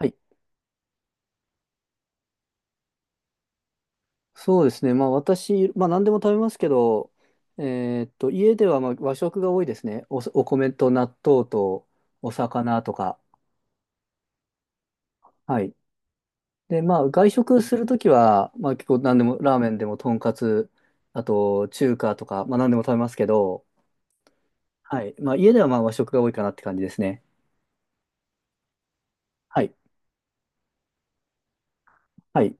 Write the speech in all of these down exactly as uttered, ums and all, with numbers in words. はい、そうですね。まあ私、まあ何でも食べますけど、えーっと、家ではまあ和食が多いですね。お、お米と納豆とお魚とか。はい。で、まあ外食するときは、まあ結構何でも、ラーメンでもとんかつ、あと中華とか、まあ何でも食べますけど、はい。まあ家ではまあ和食が多いかなって感じですね。はい。はい。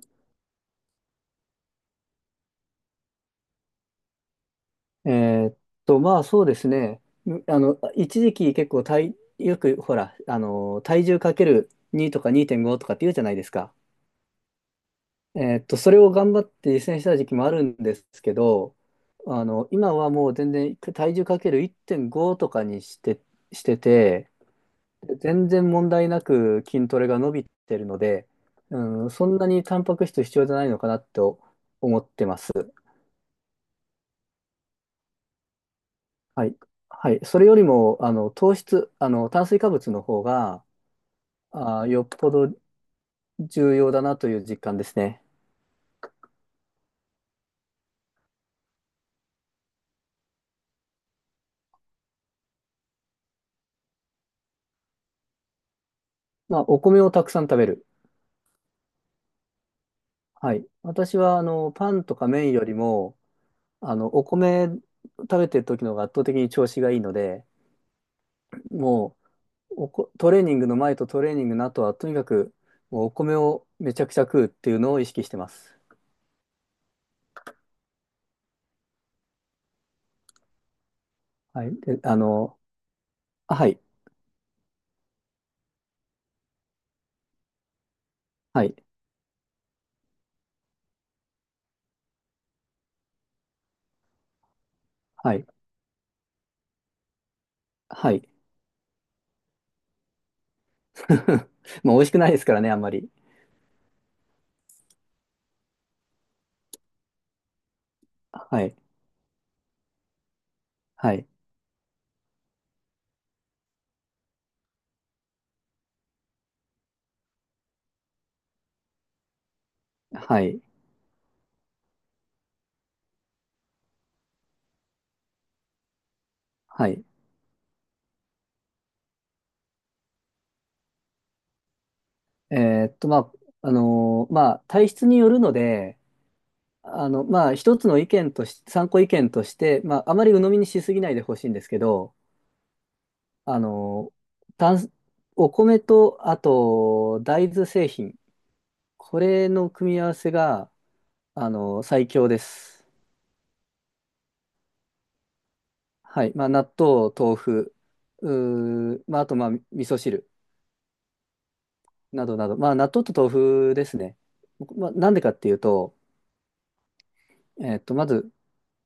えーっと、まあそうですね。むあの、一時期結構体、よくほら、あの、体重かけるにとかにてんごとかって言うじゃないですか。えーっと、それを頑張って実践した時期もあるんですけど、あの、今はもう全然体重かけるいってんごとかにして、してて、全然問題なく筋トレが伸びてるので、うん、そんなにタンパク質必要じゃないのかなと思ってます。はい。はい。それよりも、あの、糖質、あの、炭水化物の方が、あー、よっぽど重要だなという実感ですね。まあ、お米をたくさん食べる。はい。私は、あの、パンとか麺よりも、あの、お米食べてる時の方が圧倒的に調子がいいので、もうおこ、トレーニングの前とトレーニングの後は、とにかく、もうお米をめちゃくちゃ食うっていうのを意識してます。はい。で、あの、あはい、はい、はい、はい。まあ、美味しくないですからね、あんまり。はい、はい、はい、はい。えーっと、まあ、あのーまあ、体質によるので、あの、まあ、一つの意見とし、参考意見として、まあ、あまり鵜呑みにしすぎないでほしいんですけど、あの、炭お米と、あと、大豆製品。これの組み合わせが、あの、最強です。はい。まあ、納豆、豆腐、うー、まあ、あと、まあ、味噌汁などなど。まあ、納豆と豆腐ですね。まあ、なんでかっていうと、えっと、まず、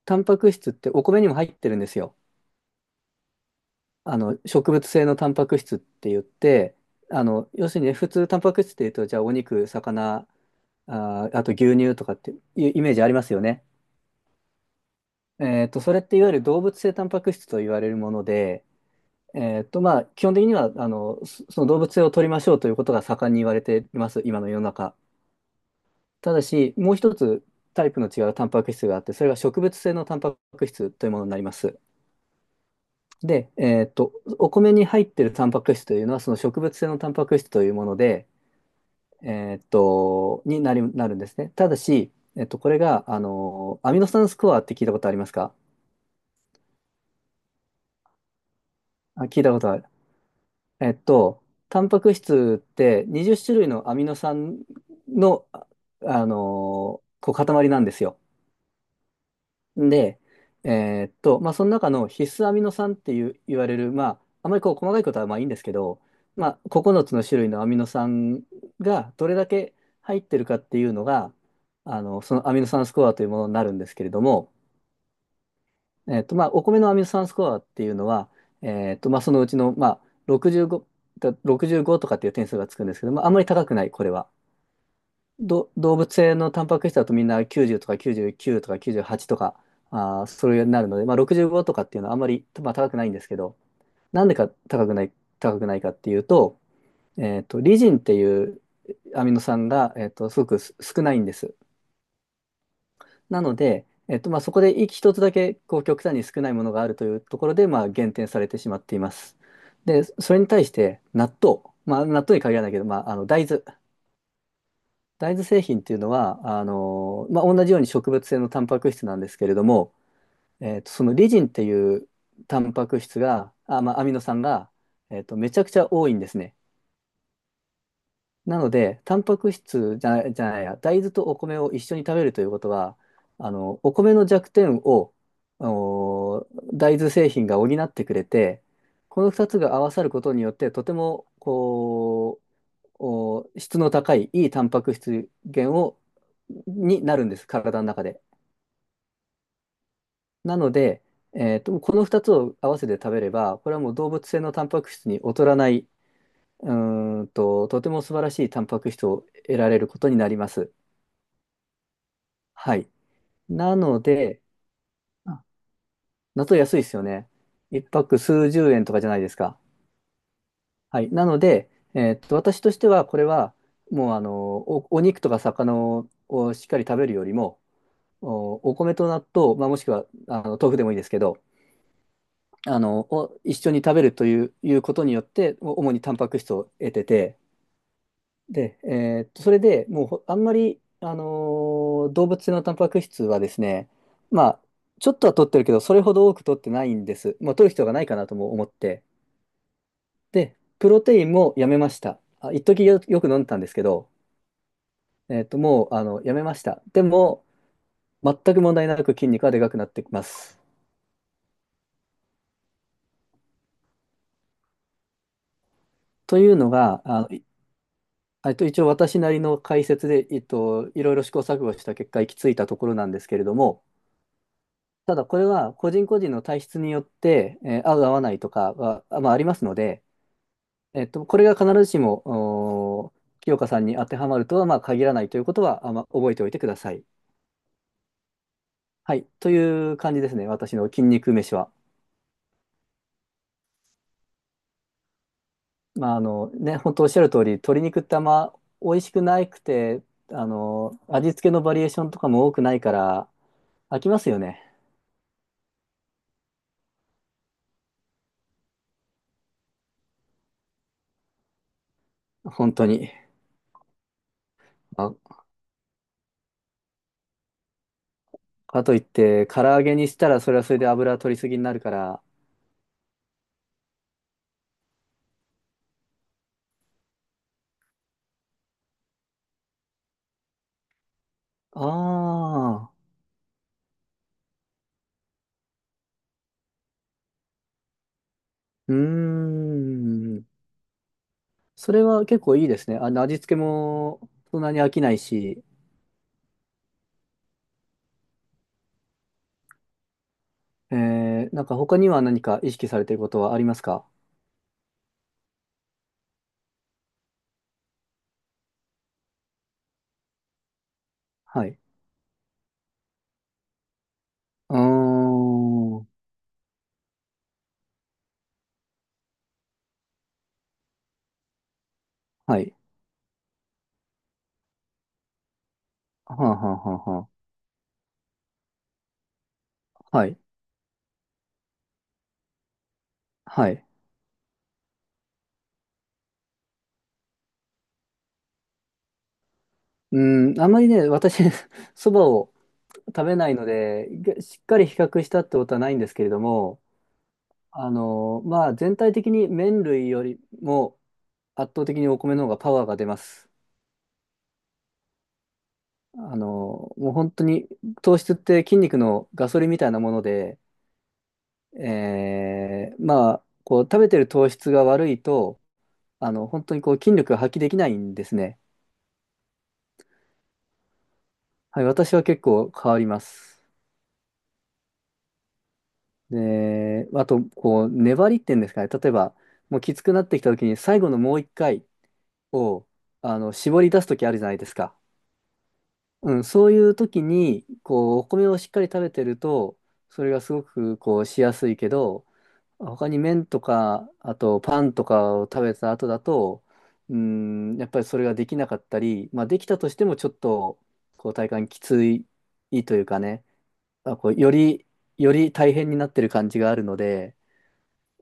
タンパク質ってお米にも入ってるんですよ。あの、植物性のタンパク質って言って、あの、要するにね、普通タンパク質って言うと、じゃあ、お肉、魚、あー、あと牛乳とかっていうイメージありますよね。えっと、それっていわゆる動物性タンパク質と言われるもので、えっと、まあ、基本的には、あの、そその動物性を取りましょうということが盛んに言われています、今の世の中。ただし、もう一つタイプの違うタンパク質があって、それが植物性のタンパク質というものになります。で、えっと、お米に入っているタンパク質というのは、その植物性のタンパク質というもので、えーっと、になり、なるんですね。ただし、えっと、これが、あの、アミノ酸スコアって聞いたことありますか？あ、聞いたことある。えっと、タンパク質ってにじゅっ種類のアミノ酸の、ああの、こう塊なんですよ。で、えーっと、まあ、その中の必須アミノ酸っていう言われる、まあ、あまりこう細かいことはまあいいんですけど、まあ、ここのつの種類のアミノ酸がどれだけ入ってるかっていうのが、あの、そのアミノ酸スコアというものになるんですけれども、えーっと、まあ、お米のアミノ酸スコアっていうのは、えーっと、まあ、そのうちの、まあ、ろくじゅうご、だろくじゅうごとかっていう点数がつくんですけど、まあ、あんまり高くない、これは。ど、動物性のタンパク質だとみんなきゅうじゅうとかきゅうじゅうきゅうとかきゅうじゅうはちとか、あー、それになるので、まあ、ろくじゅうごとかっていうのはあんまり、まあ、高くないんですけど、なんでか高くない、高くないかっていうと、えっと、リジンっていうアミノ酸が、えっと、すごくす少ないんです。なので、えっと、まあ、そこで一一つだけこう極端に少ないものがあるというところで、まあ、減点されてしまっています。で、それに対して納豆、まあ、納豆に限らないけど、まあ、あの大豆。大豆製品っていうのは、あの、まあ、同じように植物性のタンパク質なんですけれども、えーと、そのリジンっていうタンパク質が、あ、まあ、アミノ酸が、えーと、めちゃくちゃ多いんですね。なので、タンパク質じゃない、じゃないや、大豆とお米を一緒に食べるということは、あの、お米の弱点を、お大豆製品が補ってくれて、このふたつが合わさることによって、とても、こお質の高いいいタンパク質源をになるんです体の中で。なので、えーと、このふたつを合わせて食べればこれはもう動物性のタンパク質に劣らないうーんととても素晴らしいタンパク質を得られることになります。はい。なので、あ納豆安いですよね。いちク数十円とかじゃないですか。はい。なので、えーと、私としてはこれはもうあのお、お肉とか魚ををしっかり食べるよりもお、お米と納豆、まあ、もしくはあの豆腐でもいいですけど、あの、を一緒に食べるという、いうことによって、お主にタンパク質を得てて、で、えーっと、それでもうほあんまり、あのー動物性のタンパク質はですね、まあ、ちょっとは取ってるけど、それほど多く取ってないんです。まあ、取る人がないかなとも思って。で、プロテインもやめました。あ、一時よ、よく飲んでたんですけど、えーっと、もう、あの、やめました。でも、全く問題なく筋肉はでかくなってきます。というのが、あの、えっと、一応私なりの解説で、えっと、いろいろ試行錯誤した結果行き着いたところなんですけれども、ただこれは個人個人の体質によって、えー合う合わないとかは、あまあ、ありますので、えっと、これが必ずしも、おー清香さんに当てはまるとは、まあ、限らないということは、あまあ、覚えておいてください。はい。という感じですね。私の筋肉飯は。まあ、あの、ね、本当おっしゃる通り、鶏肉ってあんま美味しくなくて、あの、味付けのバリエーションとかも多くないから、飽きますよね。本当に。まあ、かといって、唐揚げにしたらそれはそれで油取りすぎになるから。ああ、うーん。それは結構いいですね。あの、味付けもそんなに飽きないし、えー、なんか他には何か意識されていることはありますか？はい。うーん。はい。はあ、はあはあはあ、はい。はい。うーん、あんまりね、私、そばを食べないので、しっかり比較したってことはないんですけれども、あの、まあ、全体的に麺類よりも圧倒的にお米の方がパワーが出ます。あの、もう本当に糖質って筋肉のガソリンみたいなもので、えーまあ、こう食べてる糖質が悪いと、あの、本当にこう筋力が発揮できないんですね。はい、私は結構変わります。で、あと、こう、粘りっていうんですかね。例えば、もうきつくなってきた時に最後のもう一回を、あの、絞り出す時あるじゃないですか。うん、そういう時に、こう、お米をしっかり食べてると、それがすごく、こう、しやすいけど、他に麺とか、あとパンとかを食べた後だと、うん、やっぱりそれができなかったり、まあ、できたとしてもちょっと、こう、体感きついというかね、あ、こう、より、より大変になってる感じがあるので、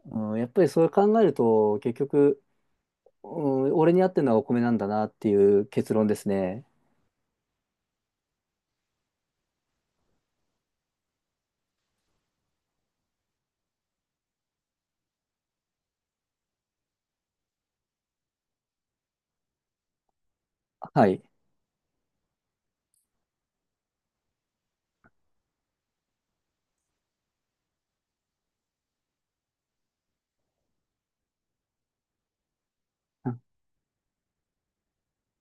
うん、やっぱりそれ考えると、結局、うん、俺に合ってるのはお米なんだなっていう結論ですね。はい。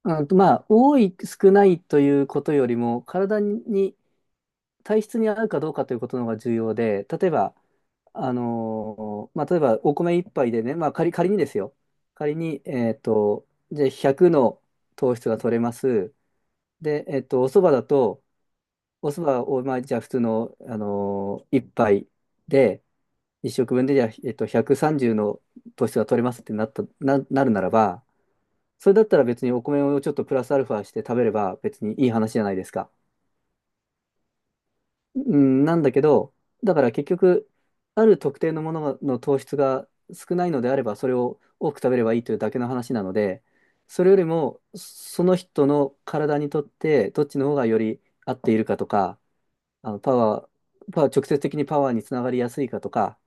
うんと、まあ、多い、少ないということよりも、体に、体質に合うかどうかということの方が重要で、例えば、あのーまあ、例えば、お米一杯でね、まあ、仮、仮にですよ。仮に、えっと、じゃあひゃくの糖質が取れます。で、えっと、お蕎麦だと、お蕎麦を、まあ、じゃあ普通の、あのー、一杯で、一食分で、じゃあ、えっと、ひゃくさんじゅうの糖質が取れますってなった、な、なるならば、それだったら別にお米をちょっとプラスアルファして食べれば別にいい話じゃないですか。うん、なんだけど、だから結局、ある特定のものの糖質が少ないのであれば、それを多く食べればいいというだけの話なので、それよりも、その人の体にとって、どっちの方がより合っているかとか、あのパワー、パワー、直接的にパワーにつながりやすいかとか、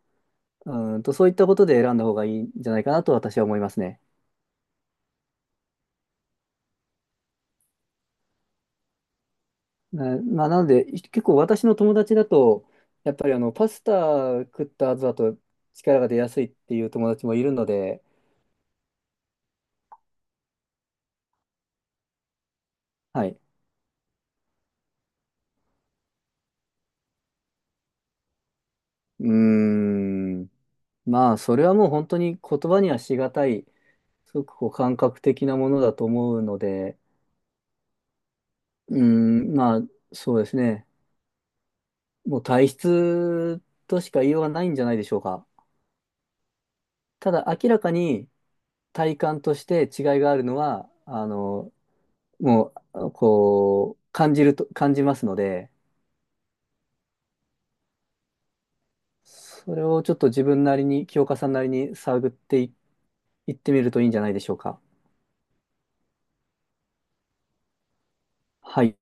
うんと、そういったことで選んだ方がいいんじゃないかなと私は思いますね。ねまあ、なので、い結構私の友達だと、やっぱりあのパスタ食った後だと力が出やすいっていう友達もいるので、はい。うーん。まあ、それはもう本当に言葉にはしがたい、すごくこう感覚的なものだと思うので、うーん、まあ、そうですね。もう体質としか言いようがないんじゃないでしょうか。ただ、明らかに体感として違いがあるのは、あの、もう、こう、感じると、感じますので、それをちょっと自分なりに、清川さんなりに探ってい、いってみるといいんじゃないでしょうか。はい。